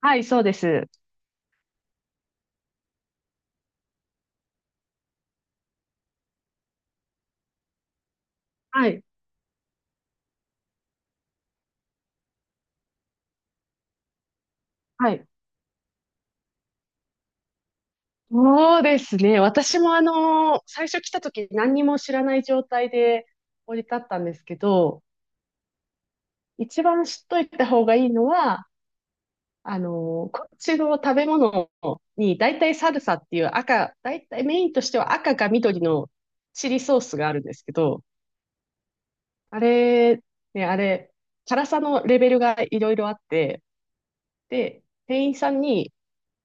はい、そうです。はい。はい。そうですね。私も最初来た時何にも知らない状態で降り立ったんですけど、一番知っといた方がいいのは、あのこっちの食べ物に大体サルサっていう赤、大体メインとしては赤か緑のチリソースがあるんですけど、あれ、ね、あれ、辛さのレベルがいろいろあって、で、店員さんに、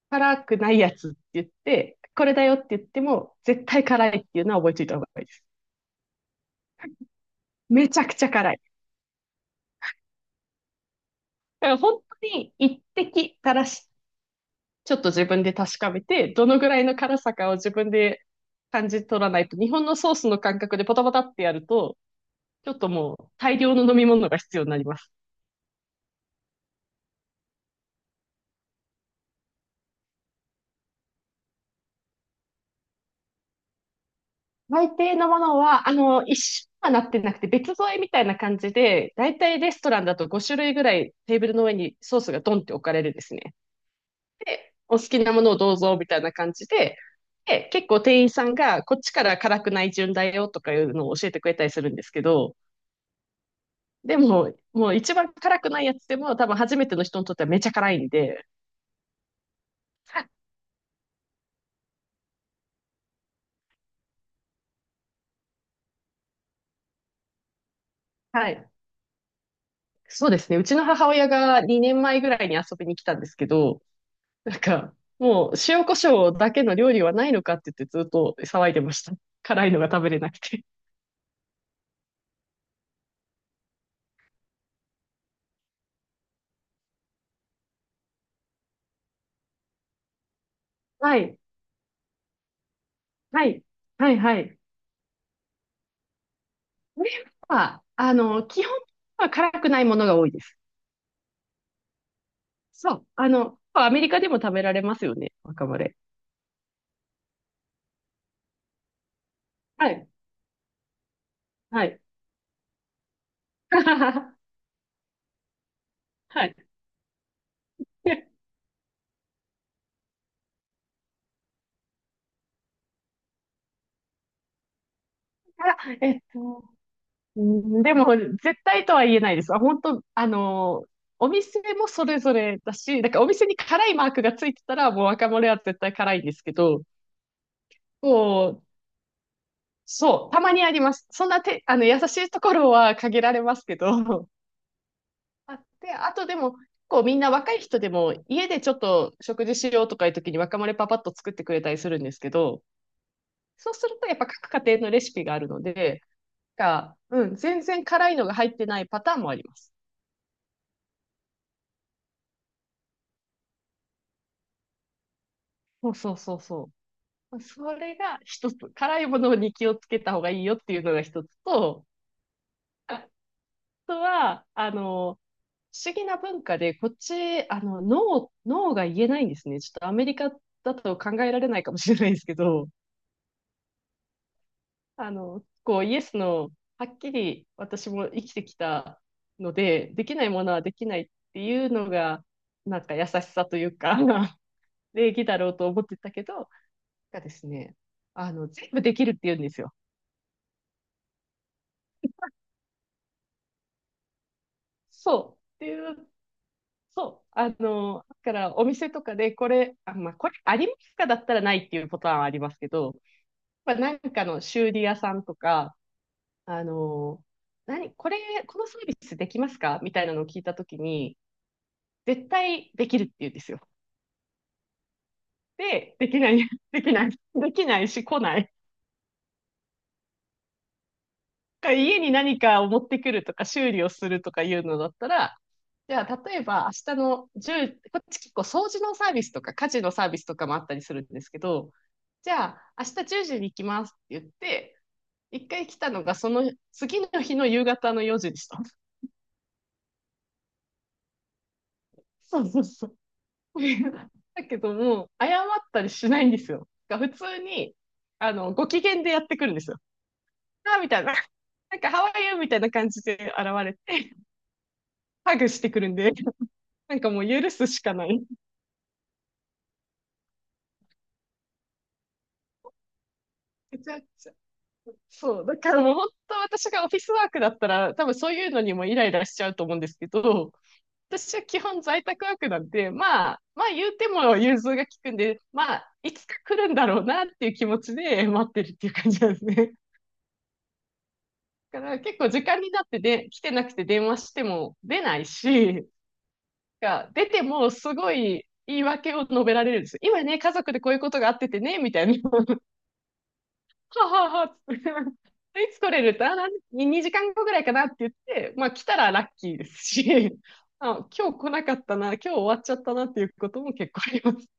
辛くないやつって言って、これだよって言っても、絶対辛いっていうのは覚えておいた方がいいです。めちゃくちゃ辛い。だから本当に一滴垂らし、ちょっと自分で確かめて、どのぐらいの辛さかを自分で感じ取らないと、日本のソースの感覚でポタポタってやると、ちょっともう大量の飲み物が必要になります。大抵のものは、一緒はなってなくて別添えみたいな感じで、大体レストランだと5種類ぐらいテーブルの上にソースがドンって置かれるですね。で、お好きなものをどうぞみたいな感じで、で、結構店員さんがこっちから辛くない順だよとかいうのを教えてくれたりするんですけど、でも、もう一番辛くないやつでも多分初めての人にとってはめちゃ辛いんで、はい。そうですね。うちの母親が2年前ぐらいに遊びに来たんですけど、なんか、もう塩コショウだけの料理はないのかって言ってずっと騒いでました。辛いのが食べれなくて。はい。はい。はい、はい。これは、基本は辛くないものが多いです。そう。アメリカでも食べられますよね、若丸レ。はい。はい。はい。あ、うんでも、絶対とは言えないです。あ本当、お店もそれぞれだし、だからお店に辛いマークがついてたら、もう若丸レは絶対辛いんですけど、こう、そう、たまにあります。そんなて、優しいところは限られますけど、あって、あとでも、こうみんな若い人でも家でちょっと食事しようとかいう時に若丸パパッと作ってくれたりするんですけど、そうするとやっぱ各家庭のレシピがあるので、が、うん、全然辛いのが入ってないパターンもあります。そうそうそうそう。それが一つ、辛いものに気をつけた方がいいよっていうのが一つと、あとは、不思議な文化で、こっち、ノー、ノーが言えないんですね。ちょっとアメリカだと考えられないかもしれないですけど、こう、イエスの、はっきり私も生きてきたので、できないものはできないっていうのが、なんか優しさというか、礼儀だろうと思ってたけど、がですね、全部できるって言うんですよ。そう。っていう、そう。だからお店とかで、これ、あ、まあ、これありますかだったらないっていうパターンはありますけど、まあ、なんかの修理屋さんとか、あの、何、これ、このサービスできますかみたいなのを聞いたときに、絶対できるって言うんですよ。で、できない、できない、できないし来ない。家に何かを持ってくるとか修理をするとかいうのだったら、じゃあ、例えば明日の1こっち結構掃除のサービスとか家事のサービスとかもあったりするんですけど、じゃあ、明日10時に行きますって言って、一回来たのがその次の日の夕方の4時でした。そうそうそう。だけども、謝ったりしないんですよ。普通に、ご機嫌でやってくるんですよ。ああみたいな、なんか、ハワイユーみたいな感じで現れて、ハグしてくるんで、なんかもう許すしかない。じゃあそう、だからもう本当私がオフィスワークだったら、多分そういうのにもイライラしちゃうと思うんですけど、私は基本在宅ワークなんで、まあ、まあ言うても融通が利くんで、まあ、いつか来るんだろうなっていう気持ちで待ってるっていう感じなんですね。だから結構時間になってで、来てなくて電話しても出ないし、が出てもすごい言い訳を述べられるんですよ。今ね、家族でこういうことがあっててね、みたいな。はははは いつ来れるって、あ、なん2時間後ぐらいかなって言って、まあ来たらラッキーですし、あ、今日来なかったな、今日終わっちゃったなっていうことも結構あります。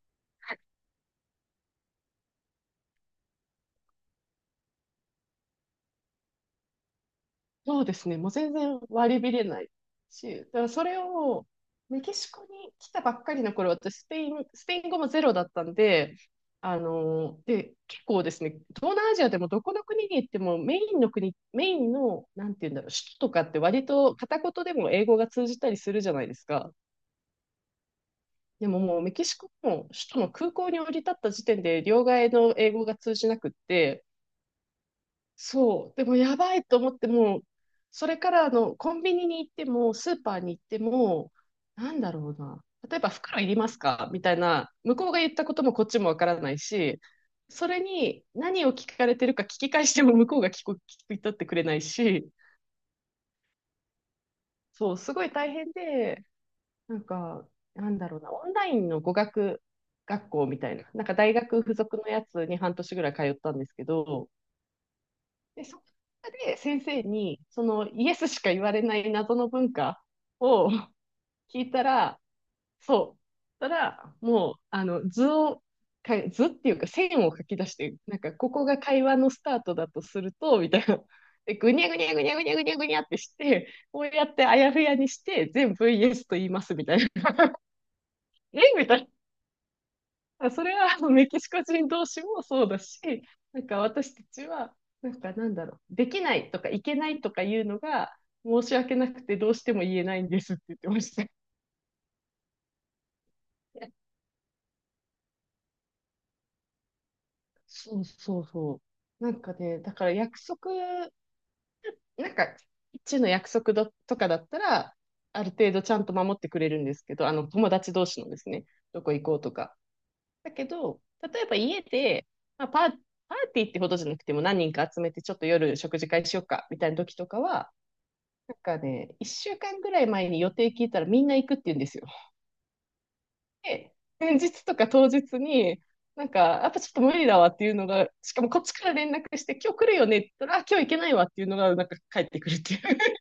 そうですね。もう全然割り切れないし、だからそれをメキシコに来たばっかりの頃、私スペイン語もゼロだったんで、あので、結構ですね、東南アジアでもどこの国に行ってもメインの国、メインの、なんて言うんだろう、首都とかって割と片言でも英語が通じたりするじゃないですか。でももうメキシコも首都の空港に降り立った時点で両替の英語が通じなくって、そう。でもやばいと思っても、それからコンビニに行っても、スーパーに行っても、なんだろうな。例えば袋いりますかみたいな、向こうが言ったこともこっちもわからないし、それに何を聞かれてるか聞き返しても向こうが聞く、聞き取ってくれないし、そう、すごい大変で、なんか、なんだろうな、オンラインの語学学校みたいな、なんか大学付属のやつに半年ぐらい通ったんですけど、で、そこで先生に、そのイエスしか言われない謎の文化を 聞いたら、そう。たら、もう、図を、か図っていうか線を書き出して、なんか、ここが会話のスタートだとすると、みたいな。で、ぐにゃぐにゃぐにゃぐにゃぐにゃぐにゃってして、こうやってあやふやにして、全部イエスと言います、みたいな。えみたいな。あそれはあのメキシコ人同士もそうだし、なんか私たちは、なんかなんだろう、できないとかいけないとかいうのが申し訳なくてどうしても言えないんですって言ってました。そうそうそう。なんかね、だから約束、なんか、一の約束どとかだったら、ある程度ちゃんと守ってくれるんですけど、友達同士のですね、どこ行こうとか。だけど、例えば家で、まあ、パーティーってほどじゃなくても何人か集めてちょっと夜食事会しようかみたいな時とかは、なんかね、1週間ぐらい前に予定聞いたらみんな行くって言うんですよ。で、前日とか当日に、なんか、やっぱちょっと無理だわっていうのが、しかもこっちから連絡して、今日来るよねって言ったら、あ、今日行けないわっていうのが、なんか帰ってくるっていう。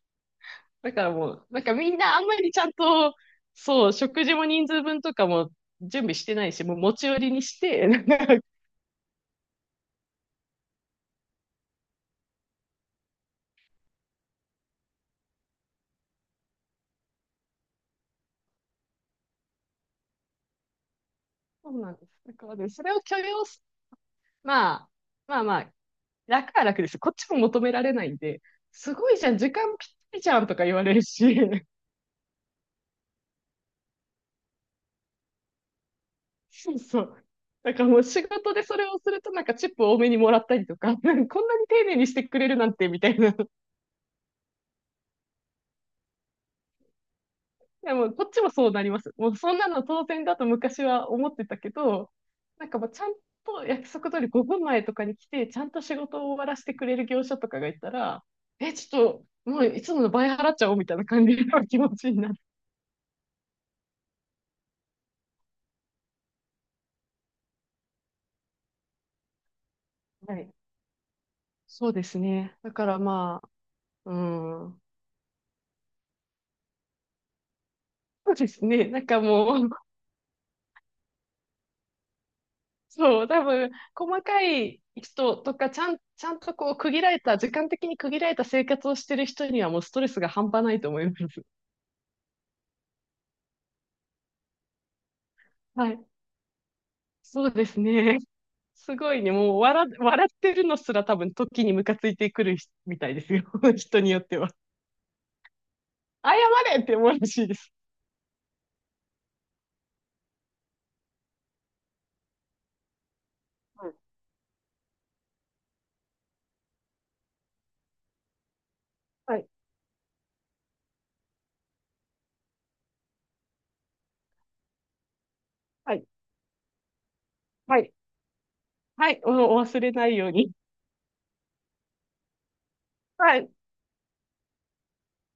だからもう、なんかみんなあんまりちゃんと、そう、食事も人数分とかも準備してないし、もう持ち寄りにして、なんかそうなんです。だからね、それを許容す、まあ、まあまあ、楽は楽ですよ。こっちも求められないんで、すごいじゃん、時間ぴったりじゃんとか言われるし、そうそう。だからもう仕事でそれをするとなんかチップ多めにもらったりとか、こんなに丁寧にしてくれるなんてみたいな。でも、こっちもそうなります。もう、そんなの当然だと昔は思ってたけど、なんかもう、ちゃんと約束通り5分前とかに来て、ちゃんと仕事を終わらせてくれる業者とかがいたら、え、ちょっと、もういつもの倍払っちゃおうみたいな感じの気持ちになる。はい。そうですね。だからまあ、うん。そうですね。なんかもう、そう、多分、細かい人とか、ちゃんとこう、区切られた、時間的に区切られた生活をしてる人には、もうストレスが半端ないと思います。はい。そうですね。すごいね。もう笑ってるのすら多分時にムカついてくる人みたいですよ。人によっては。謝れって思うらしいです。はい、はい、はい、はい、はい。お忘れないように。はい。